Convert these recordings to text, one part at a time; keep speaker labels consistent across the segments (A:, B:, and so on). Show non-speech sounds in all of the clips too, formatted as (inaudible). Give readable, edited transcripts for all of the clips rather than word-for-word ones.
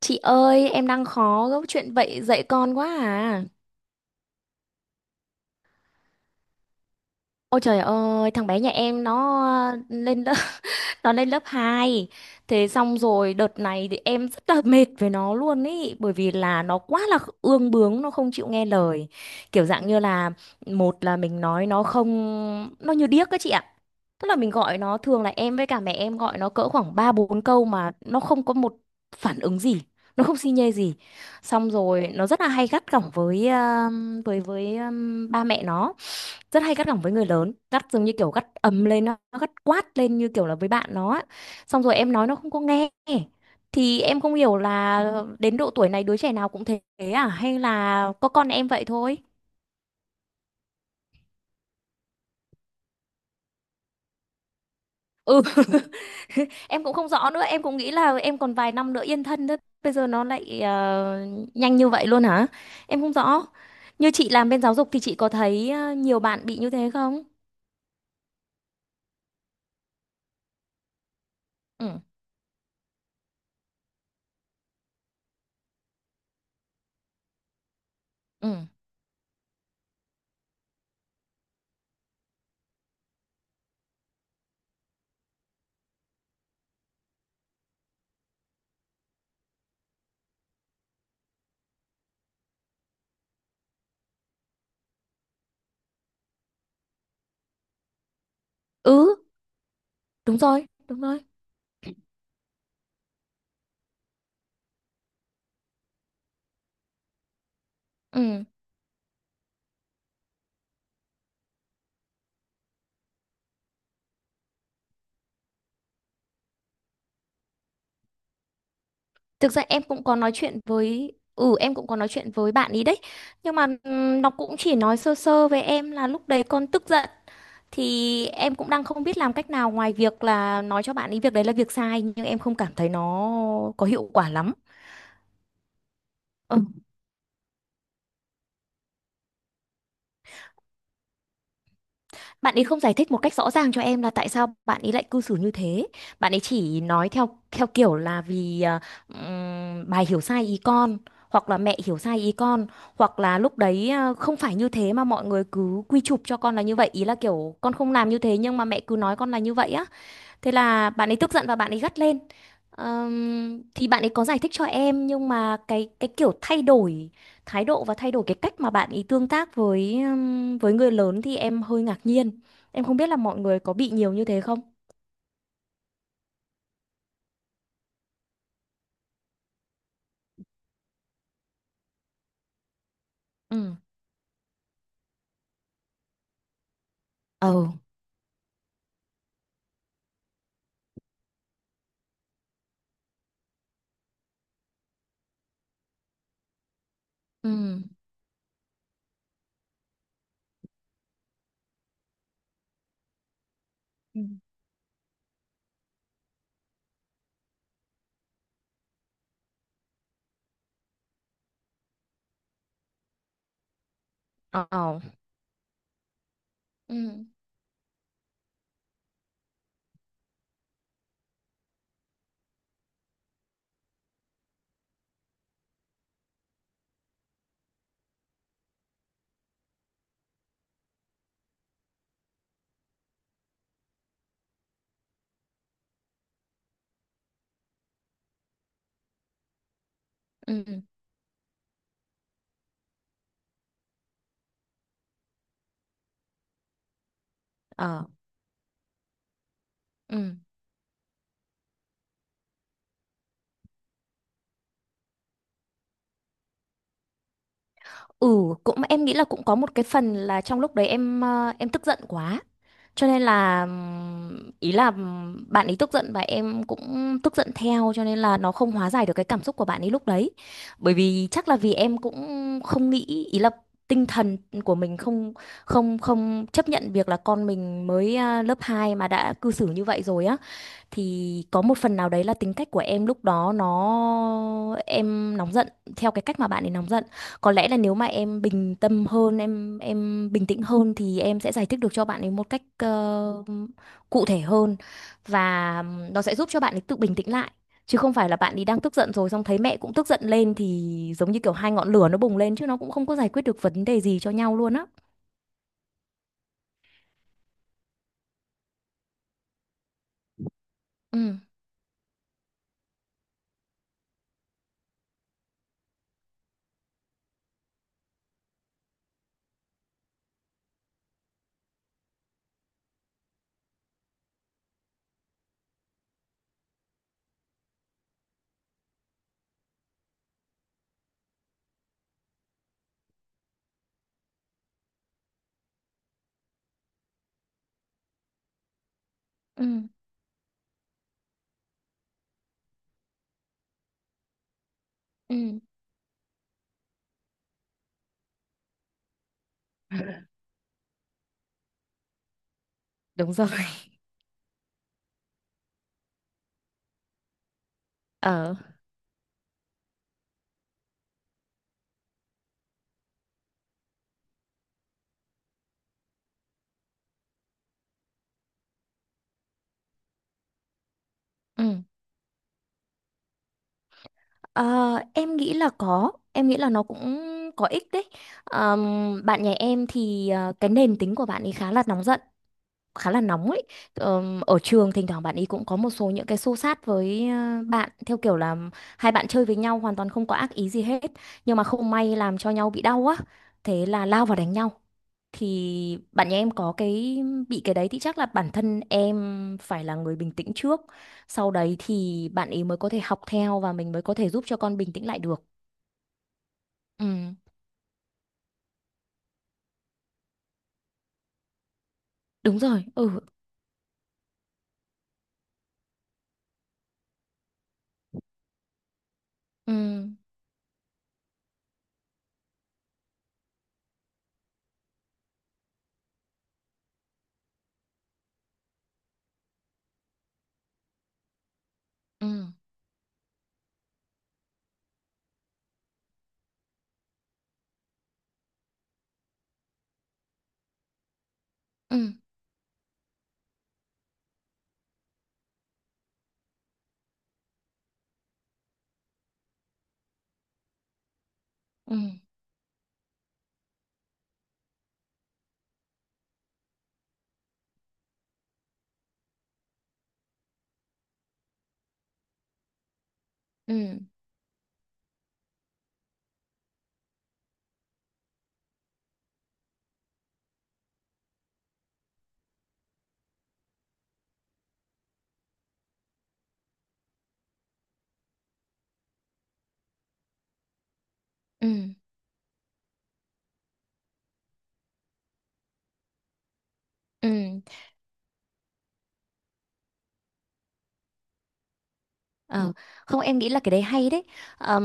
A: Chị ơi, em đang khó gấp chuyện vậy dạy con quá à. Ôi trời ơi, thằng bé nhà em nó lên lớp (laughs) nó lên lớp 2. Thế xong rồi đợt này thì em rất là mệt với nó luôn ý, bởi vì là nó quá là ương bướng, nó không chịu nghe lời. Kiểu dạng như là, một là mình nói nó không, nó như điếc các chị ạ. Tức là mình gọi nó, thường là em với cả mẹ em gọi nó cỡ khoảng 3 4 câu mà nó không có một phản ứng gì, nó không xi nhê gì. Xong rồi nó rất là hay gắt gỏng với với với ờ, ba mẹ nó, rất hay gắt gỏng với người lớn, gắt giống như kiểu gắt ầm lên, nó gắt quát lên như kiểu là với bạn nó á. Xong rồi em nói nó không có nghe, thì em không hiểu là đến độ tuổi này đứa trẻ nào cũng thế à, hay là có con em vậy thôi. Ừ. (laughs) Em cũng không rõ nữa, em cũng nghĩ là em còn vài năm nữa yên thân nữa, bây giờ nó lại nhanh như vậy luôn hả. Em không rõ, như chị làm bên giáo dục thì chị có thấy nhiều bạn bị như thế không. Ừ, ừ, ừ, đúng rồi, đúng rồi, ừ. Thực ra em cũng có nói chuyện với, bạn ý đấy, nhưng mà nó cũng chỉ nói sơ sơ với em là lúc đấy con tức giận, thì em cũng đang không biết làm cách nào ngoài việc là nói cho bạn ý việc đấy là việc sai, nhưng em không cảm thấy nó có hiệu quả lắm. Ừ. Bạn ấy không giải thích một cách rõ ràng cho em là tại sao bạn ấy lại cư xử như thế. Bạn ấy chỉ nói theo theo kiểu là vì bà hiểu sai ý con, hoặc là mẹ hiểu sai ý con, hoặc là lúc đấy không phải như thế mà mọi người cứ quy chụp cho con là như vậy, ý là kiểu con không làm như thế nhưng mà mẹ cứ nói con là như vậy á. Thế là bạn ấy tức giận và bạn ấy gắt lên. Thì bạn ấy có giải thích cho em nhưng mà cái kiểu thay đổi thái độ và thay đổi cái cách mà bạn ấy tương tác với với người lớn thì em hơi ngạc nhiên. Em không biết là mọi người có bị nhiều như thế không? Ừ. Ừ. Ừ. Ừ. Ờ. Ừ. Ừ. Ờ. Ừ. Ừ, cũng em nghĩ là cũng có một cái phần là trong lúc đấy em tức giận quá. Cho nên là ý là bạn ấy tức giận và em cũng tức giận theo, cho nên là nó không hóa giải được cái cảm xúc của bạn ấy lúc đấy. Bởi vì chắc là vì em cũng không nghĩ, ý là tinh thần của mình không không không chấp nhận việc là con mình mới lớp 2 mà đã cư xử như vậy rồi á, thì có một phần nào đấy là tính cách của em lúc đó em nóng giận theo cái cách mà bạn ấy nóng giận. Có lẽ là nếu mà em bình tâm hơn, em bình tĩnh hơn thì em sẽ giải thích được cho bạn ấy một cách cụ thể hơn, và nó sẽ giúp cho bạn ấy tự bình tĩnh lại, chứ không phải là bạn ấy đang tức giận rồi xong thấy mẹ cũng tức giận lên thì giống như kiểu hai ngọn lửa nó bùng lên, chứ nó cũng không có giải quyết được vấn đề gì cho nhau luôn á. Ừ, ừ, ừ, đúng rồi. (laughs) Ờ, ừ. Ờ, em nghĩ là có, em nghĩ là nó cũng có ích đấy. Bạn nhà em thì cái nền tính của bạn ấy khá là nóng giận, khá là nóng ấy. Ở trường thỉnh thoảng bạn ấy cũng có một số những cái xô xát với bạn, theo kiểu là hai bạn chơi với nhau hoàn toàn không có ác ý gì hết nhưng mà không may làm cho nhau bị đau á. Thế là lao vào đánh nhau. Thì bạn nhà em có cái bị cái đấy, thì chắc là bản thân em phải là người bình tĩnh trước. Sau đấy thì bạn ấy mới có thể học theo và mình mới có thể giúp cho con bình tĩnh lại được. Ừ, đúng rồi. Ừ. Ừ. Ừ. Ừ. Ừ. Ừ. Ừ. Ừ. Ừ, ừ. Ờ, không, em nghĩ là cái đấy hay đấy. Ờm,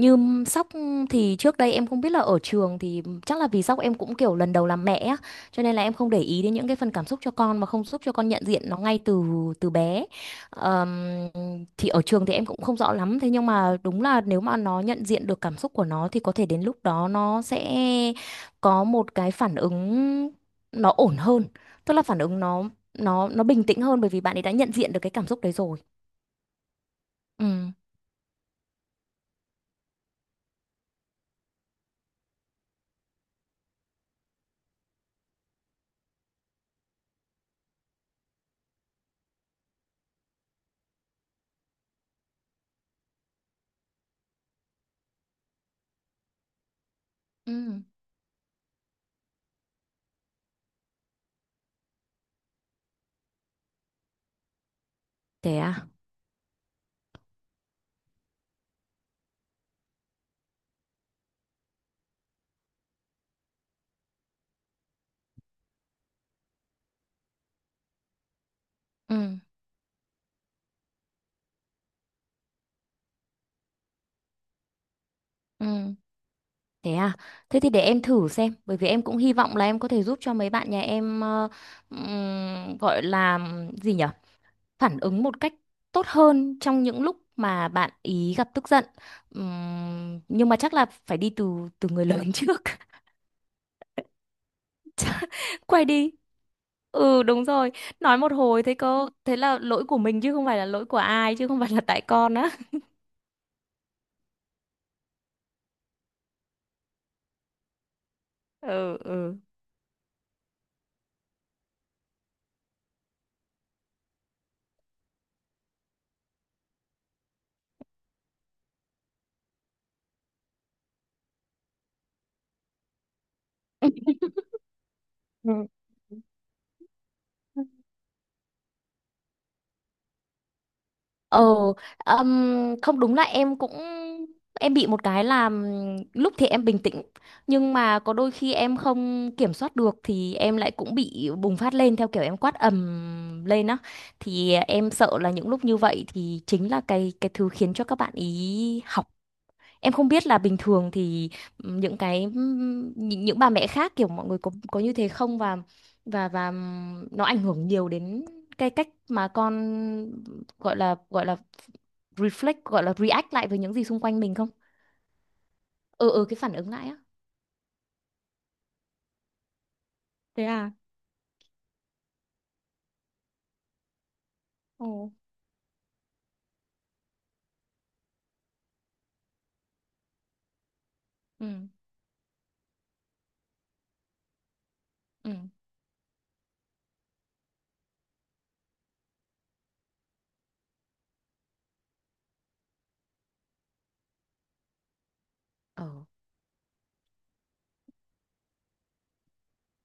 A: như Sóc thì trước đây em không biết, là ở trường thì chắc là vì Sóc em cũng kiểu lần đầu làm mẹ á, cho nên là em không để ý đến những cái phần cảm xúc cho con mà không giúp cho con nhận diện nó ngay từ từ bé. Ờm, thì ở trường thì em cũng không rõ lắm, thế nhưng mà đúng là nếu mà nó nhận diện được cảm xúc của nó thì có thể đến lúc đó nó sẽ có một cái phản ứng nó ổn hơn, tức là phản ứng nó bình tĩnh hơn, bởi vì bạn ấy đã nhận diện được cái cảm xúc đấy rồi. Ừ. Ừ. Thế à? Ừ. Ừ. Thế à? Thế thì để em thử xem, bởi vì em cũng hy vọng là em có thể giúp cho mấy bạn nhà em gọi là gì nhở, phản ứng một cách tốt hơn trong những lúc mà bạn ý gặp tức giận. Nhưng mà chắc là phải đi từ từ, người lớn (laughs) trước. Quay đi. Ừ, đúng rồi, nói một hồi thế cô, thế là lỗi của mình chứ không phải là lỗi của ai, chứ không phải là tại con á. (laughs) Ừ, ừ. Ừ. Ờ, không đúng là em cũng bị một cái là lúc thì em bình tĩnh, nhưng mà có đôi khi em không kiểm soát được thì em lại cũng bị bùng phát lên, theo kiểu em quát ầm lên á. Thì em sợ là những lúc như vậy thì chính là cái thứ khiến cho các bạn ý học. Em không biết là bình thường thì những bà mẹ khác kiểu mọi người có như thế không, và nó ảnh hưởng nhiều đến cái cách mà con gọi là react lại với những gì xung quanh mình không? Ừ, ừ, cái phản ứng lại á. Thế à? Ồ. Ừ, ừ, ờ.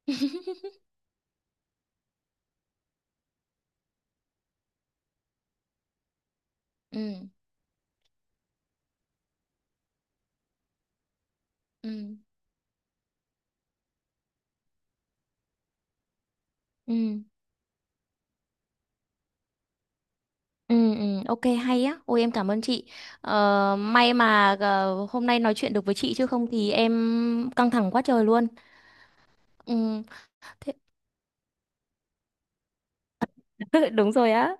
A: (laughs) Ừ, ừ, ừ, ừ, ừ, ok, hay á, ôi em cảm ơn chị. Ờ, may mà hôm nay nói chuyện được với chị, chứ không thì em căng thẳng quá trời luôn. Ừ, thế. (laughs) Đúng rồi á.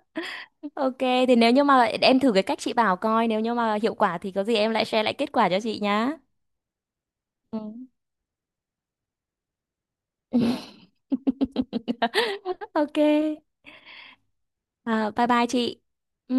A: Ok. Thì nếu như mà em thử cái cách chị bảo coi, nếu như mà hiệu quả thì có gì em lại share lại kết quả cho chị nhá. Ừ. (laughs) Ok. À, bye bye chị. Ừ.